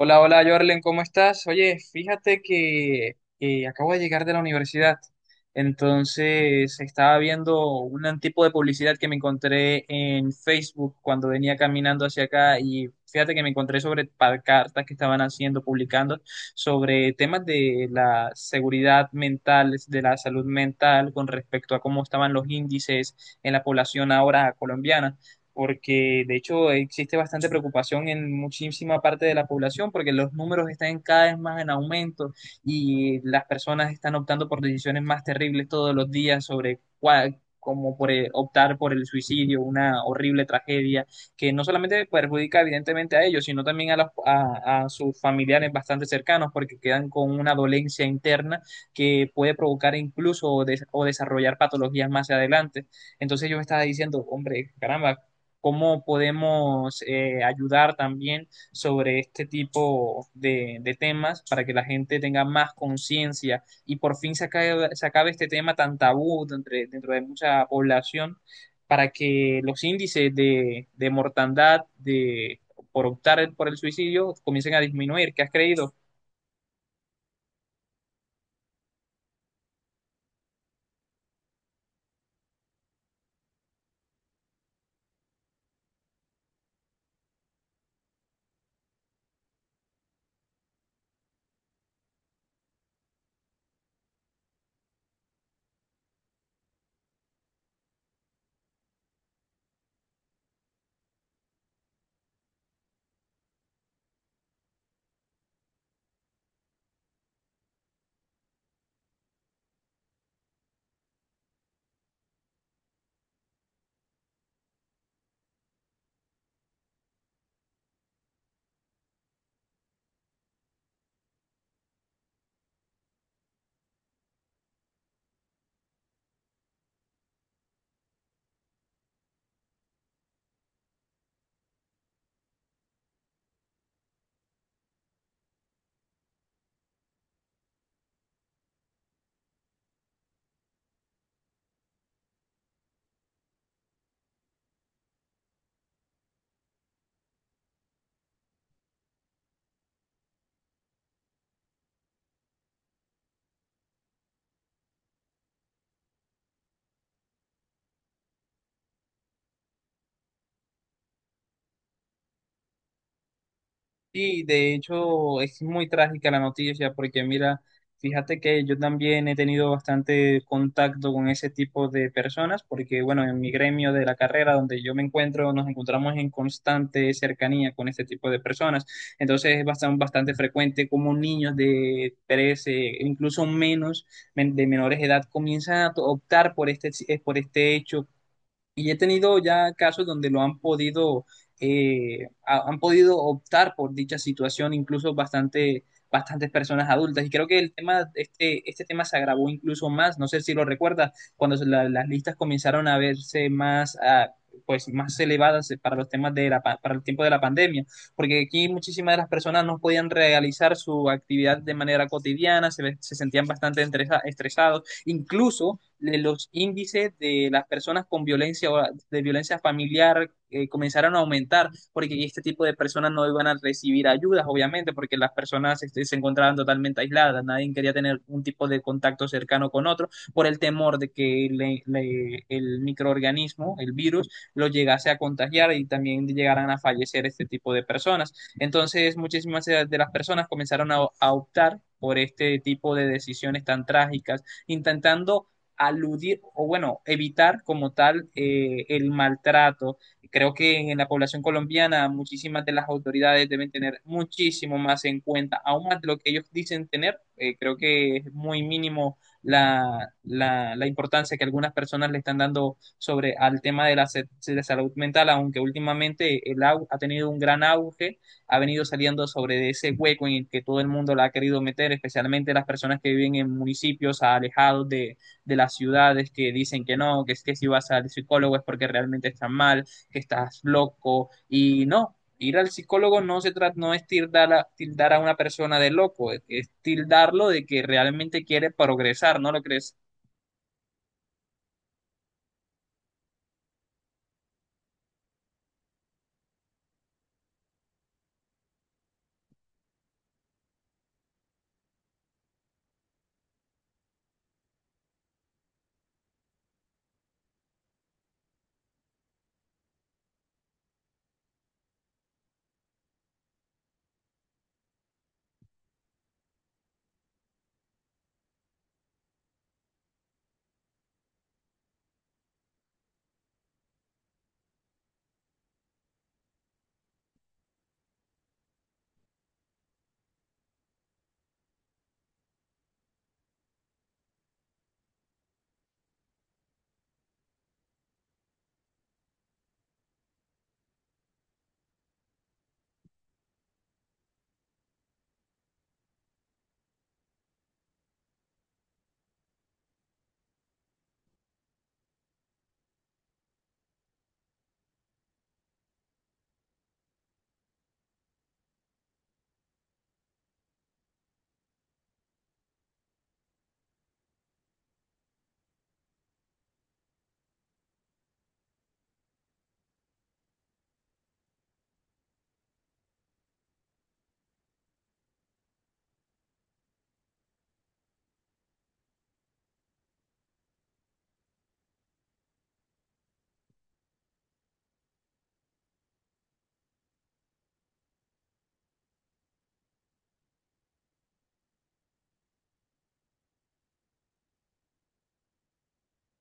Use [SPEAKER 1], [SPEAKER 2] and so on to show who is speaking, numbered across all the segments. [SPEAKER 1] Hola, hola, Jorlen, ¿cómo estás? Oye, fíjate que acabo de llegar de la universidad, entonces estaba viendo un tipo de publicidad que me encontré en Facebook cuando venía caminando hacia acá y fíjate que me encontré sobre pancartas que estaban haciendo, publicando sobre temas de la seguridad mental, de la salud mental con respecto a cómo estaban los índices en la población ahora colombiana porque de hecho existe bastante preocupación en muchísima parte de la población, porque los números están cada vez más en aumento y las personas están optando por decisiones más terribles todos los días sobre cuál como por optar por el suicidio, una horrible tragedia que no solamente perjudica evidentemente a ellos, sino también a, a sus familiares bastante cercanos, porque quedan con una dolencia interna que puede provocar incluso o, o desarrollar patologías más adelante. Entonces yo me estaba diciendo, hombre, caramba, cómo podemos ayudar también sobre este tipo de temas para que la gente tenga más conciencia y por fin se acabe este tema tan tabú dentro de mucha población para que los índices de mortandad de, por optar por el suicidio comiencen a disminuir. ¿Qué has creído? Sí, de hecho es muy trágica la noticia porque mira, fíjate que yo también he tenido bastante contacto con ese tipo de personas porque bueno, en mi gremio de la carrera donde yo me encuentro nos encontramos en constante cercanía con este tipo de personas. Entonces es bastante, bastante frecuente como niños de 13 incluso menos, de menores de edad comienzan a optar por este hecho y he tenido ya casos donde lo han podido, han podido optar por dicha situación, incluso bastante, bastantes personas adultas. Y creo que el tema, este tema se agravó incluso más, no sé si lo recuerdas, cuando las listas comenzaron a verse más, ah, pues, más elevadas para los temas de la, para el tiempo de la pandemia, porque aquí muchísimas de las personas no podían realizar su actividad de manera cotidiana, se, se sentían bastante estresados, incluso los índices de las personas con violencia o de violencia familiar comenzaron a aumentar, porque este tipo de personas no iban a recibir ayudas, obviamente, porque las personas este, se encontraban totalmente aisladas, nadie quería tener un tipo de contacto cercano con otro por el temor de que el microorganismo, el virus, lo llegase a contagiar y también llegaran a fallecer este tipo de personas. Entonces, muchísimas de las personas comenzaron a optar por este tipo de decisiones tan trágicas, intentando aludir o bueno, evitar como tal el maltrato. Creo que en la población colombiana muchísimas de las autoridades deben tener muchísimo más en cuenta, aún más de lo que ellos dicen tener. Creo que es muy mínimo la, la importancia que algunas personas le están dando sobre al tema de la, de la salud mental, aunque últimamente el ha tenido un gran auge, ha venido saliendo sobre de ese hueco en el que todo el mundo la ha querido meter, especialmente las personas que viven en municipios alejados de las ciudades que dicen que no, que es que si vas al psicólogo es porque realmente estás mal, que estás loco, y no, ir al psicólogo no se trata, no es tildar a, tildar a una persona de loco, es tildarlo de que realmente quiere progresar, ¿no lo crees?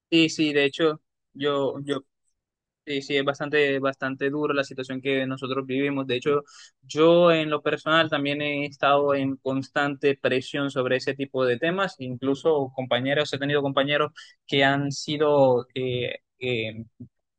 [SPEAKER 1] Sí, sí, de hecho, yo Sí, sí, es bastante, bastante duro la situación que nosotros vivimos. De hecho, yo en lo personal también he estado en constante presión sobre ese tipo de temas. Incluso compañeros, he tenido compañeros que han sido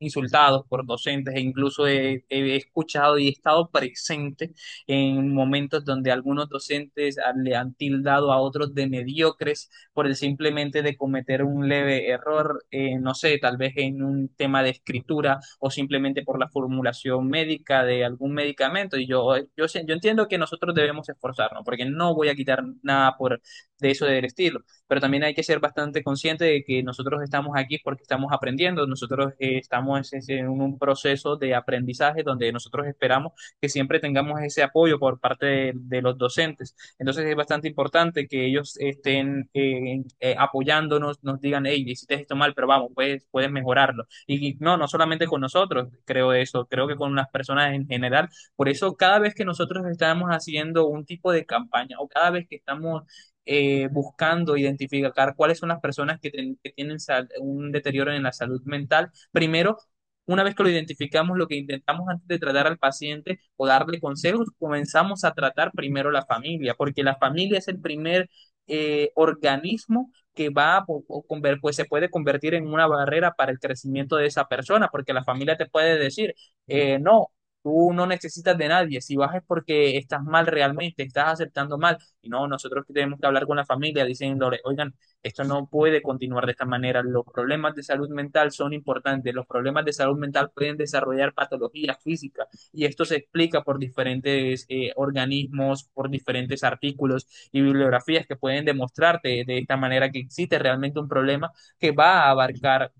[SPEAKER 1] insultados por docentes e incluso he escuchado y he estado presente en momentos donde algunos docentes le han tildado a otros de mediocres por el simplemente de cometer un leve error, no sé, tal vez en un tema de escritura o simplemente por la formulación médica de algún medicamento. Y yo entiendo que nosotros debemos esforzarnos porque no voy a quitar nada por, de eso del estilo pero también hay que ser bastante consciente de que nosotros estamos aquí porque estamos aprendiendo, nosotros estamos en un proceso de aprendizaje donde nosotros esperamos que siempre tengamos ese apoyo por parte de los docentes. Entonces es bastante importante que ellos estén apoyándonos, nos digan, hey, hiciste esto mal, pero vamos, puedes mejorarlo. Y no, no solamente con nosotros, creo eso, creo que con las personas en general. Por eso cada vez que nosotros estamos haciendo un tipo de campaña o cada vez que estamos buscando identificar cuáles son las personas que, que tienen un deterioro en la salud mental. Primero, una vez que lo identificamos, lo que intentamos antes de tratar al paciente o darle consejos, comenzamos a tratar primero la familia, porque la familia es el primer organismo que va a pues se puede convertir en una barrera para el crecimiento de esa persona, porque la familia te puede decir, no, tú no necesitas de nadie, si vas es porque estás mal realmente, estás aceptando mal y no, nosotros tenemos que hablar con la familia diciéndole, oigan, esto no puede continuar de esta manera, los problemas de salud mental son importantes, los problemas de salud mental pueden desarrollar patologías físicas y esto se explica por diferentes organismos, por diferentes artículos y bibliografías que pueden demostrarte de esta manera que existe realmente un problema que va a abarcar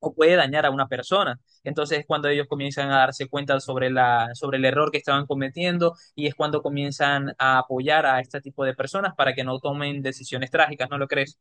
[SPEAKER 1] o puede dañar a una persona. Entonces es cuando ellos comienzan a darse cuenta sobre la, sobre el error que estaban cometiendo y es cuando comienzan a apoyar a este tipo de personas para que no tomen decisiones trágicas, ¿no lo crees?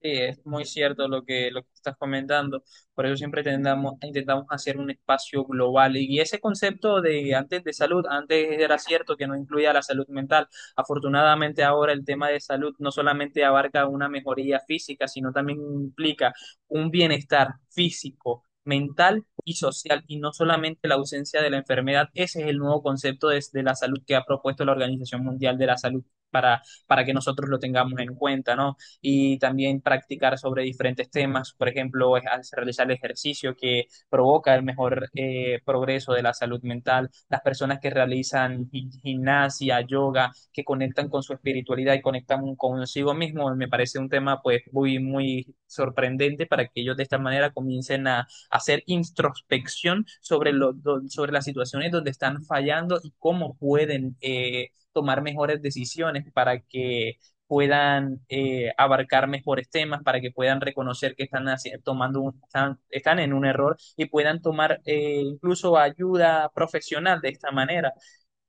[SPEAKER 1] Sí, es muy cierto lo que estás comentando. Por eso siempre intentamos hacer un espacio global. Y ese concepto de antes de salud, antes era cierto que no incluía la salud mental. Afortunadamente ahora el tema de salud no solamente abarca una mejoría física, sino también implica un bienestar físico, mental y social, y no solamente la ausencia de la enfermedad. Ese es el nuevo concepto de la salud que ha propuesto la Organización Mundial de la Salud para que nosotros lo tengamos en cuenta, ¿no? Y también practicar sobre diferentes temas, por ejemplo, es al realizar el ejercicio que provoca el mejor progreso de la salud mental, las personas que realizan gimnasia, yoga, que conectan con su espiritualidad y conectan consigo mismo, me parece un tema pues muy, muy sorprendente para que ellos de esta manera comiencen a hacer introspección sobre, sobre las situaciones donde están fallando y cómo pueden tomar mejores decisiones para que puedan abarcar mejores temas, para que puedan reconocer que están tomando están, están en un error y puedan tomar incluso ayuda profesional de esta manera.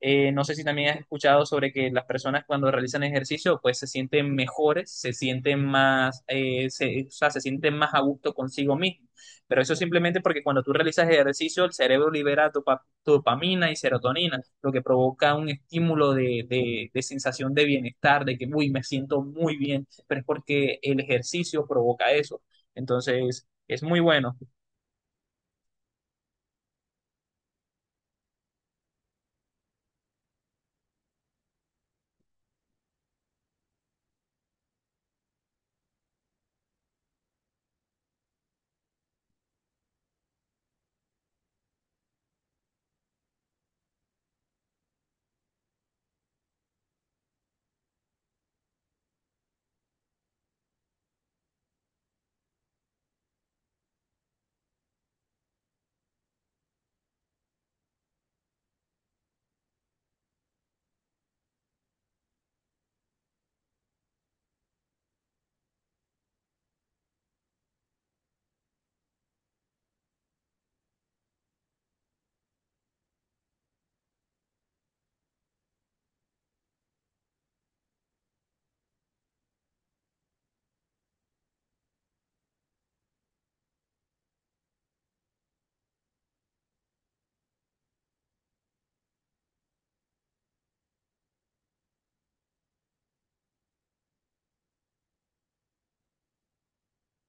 [SPEAKER 1] No sé si también has escuchado sobre que las personas cuando realizan ejercicio pues se sienten mejores, se sienten más, o sea, se sienten más a gusto consigo mismo. Pero eso simplemente porque cuando tú realizas ejercicio el cerebro libera dopamina y serotonina, lo que provoca un estímulo de, de sensación de bienestar, de que, uy, me siento muy bien, pero es porque el ejercicio provoca eso. Entonces, es muy bueno.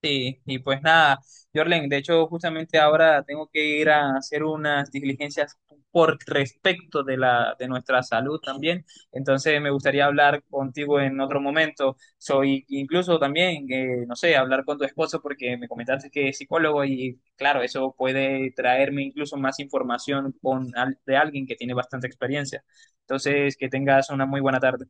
[SPEAKER 1] Sí, y pues nada, Jorlen, de hecho justamente ahora tengo que ir a hacer unas diligencias por respecto de la de nuestra salud también, entonces me gustaría hablar contigo en otro momento, soy incluso también, no sé, hablar con tu esposo porque me comentaste que es psicólogo y claro, eso puede traerme incluso más información con de alguien que tiene bastante experiencia. Entonces, que tengas una muy buena tarde.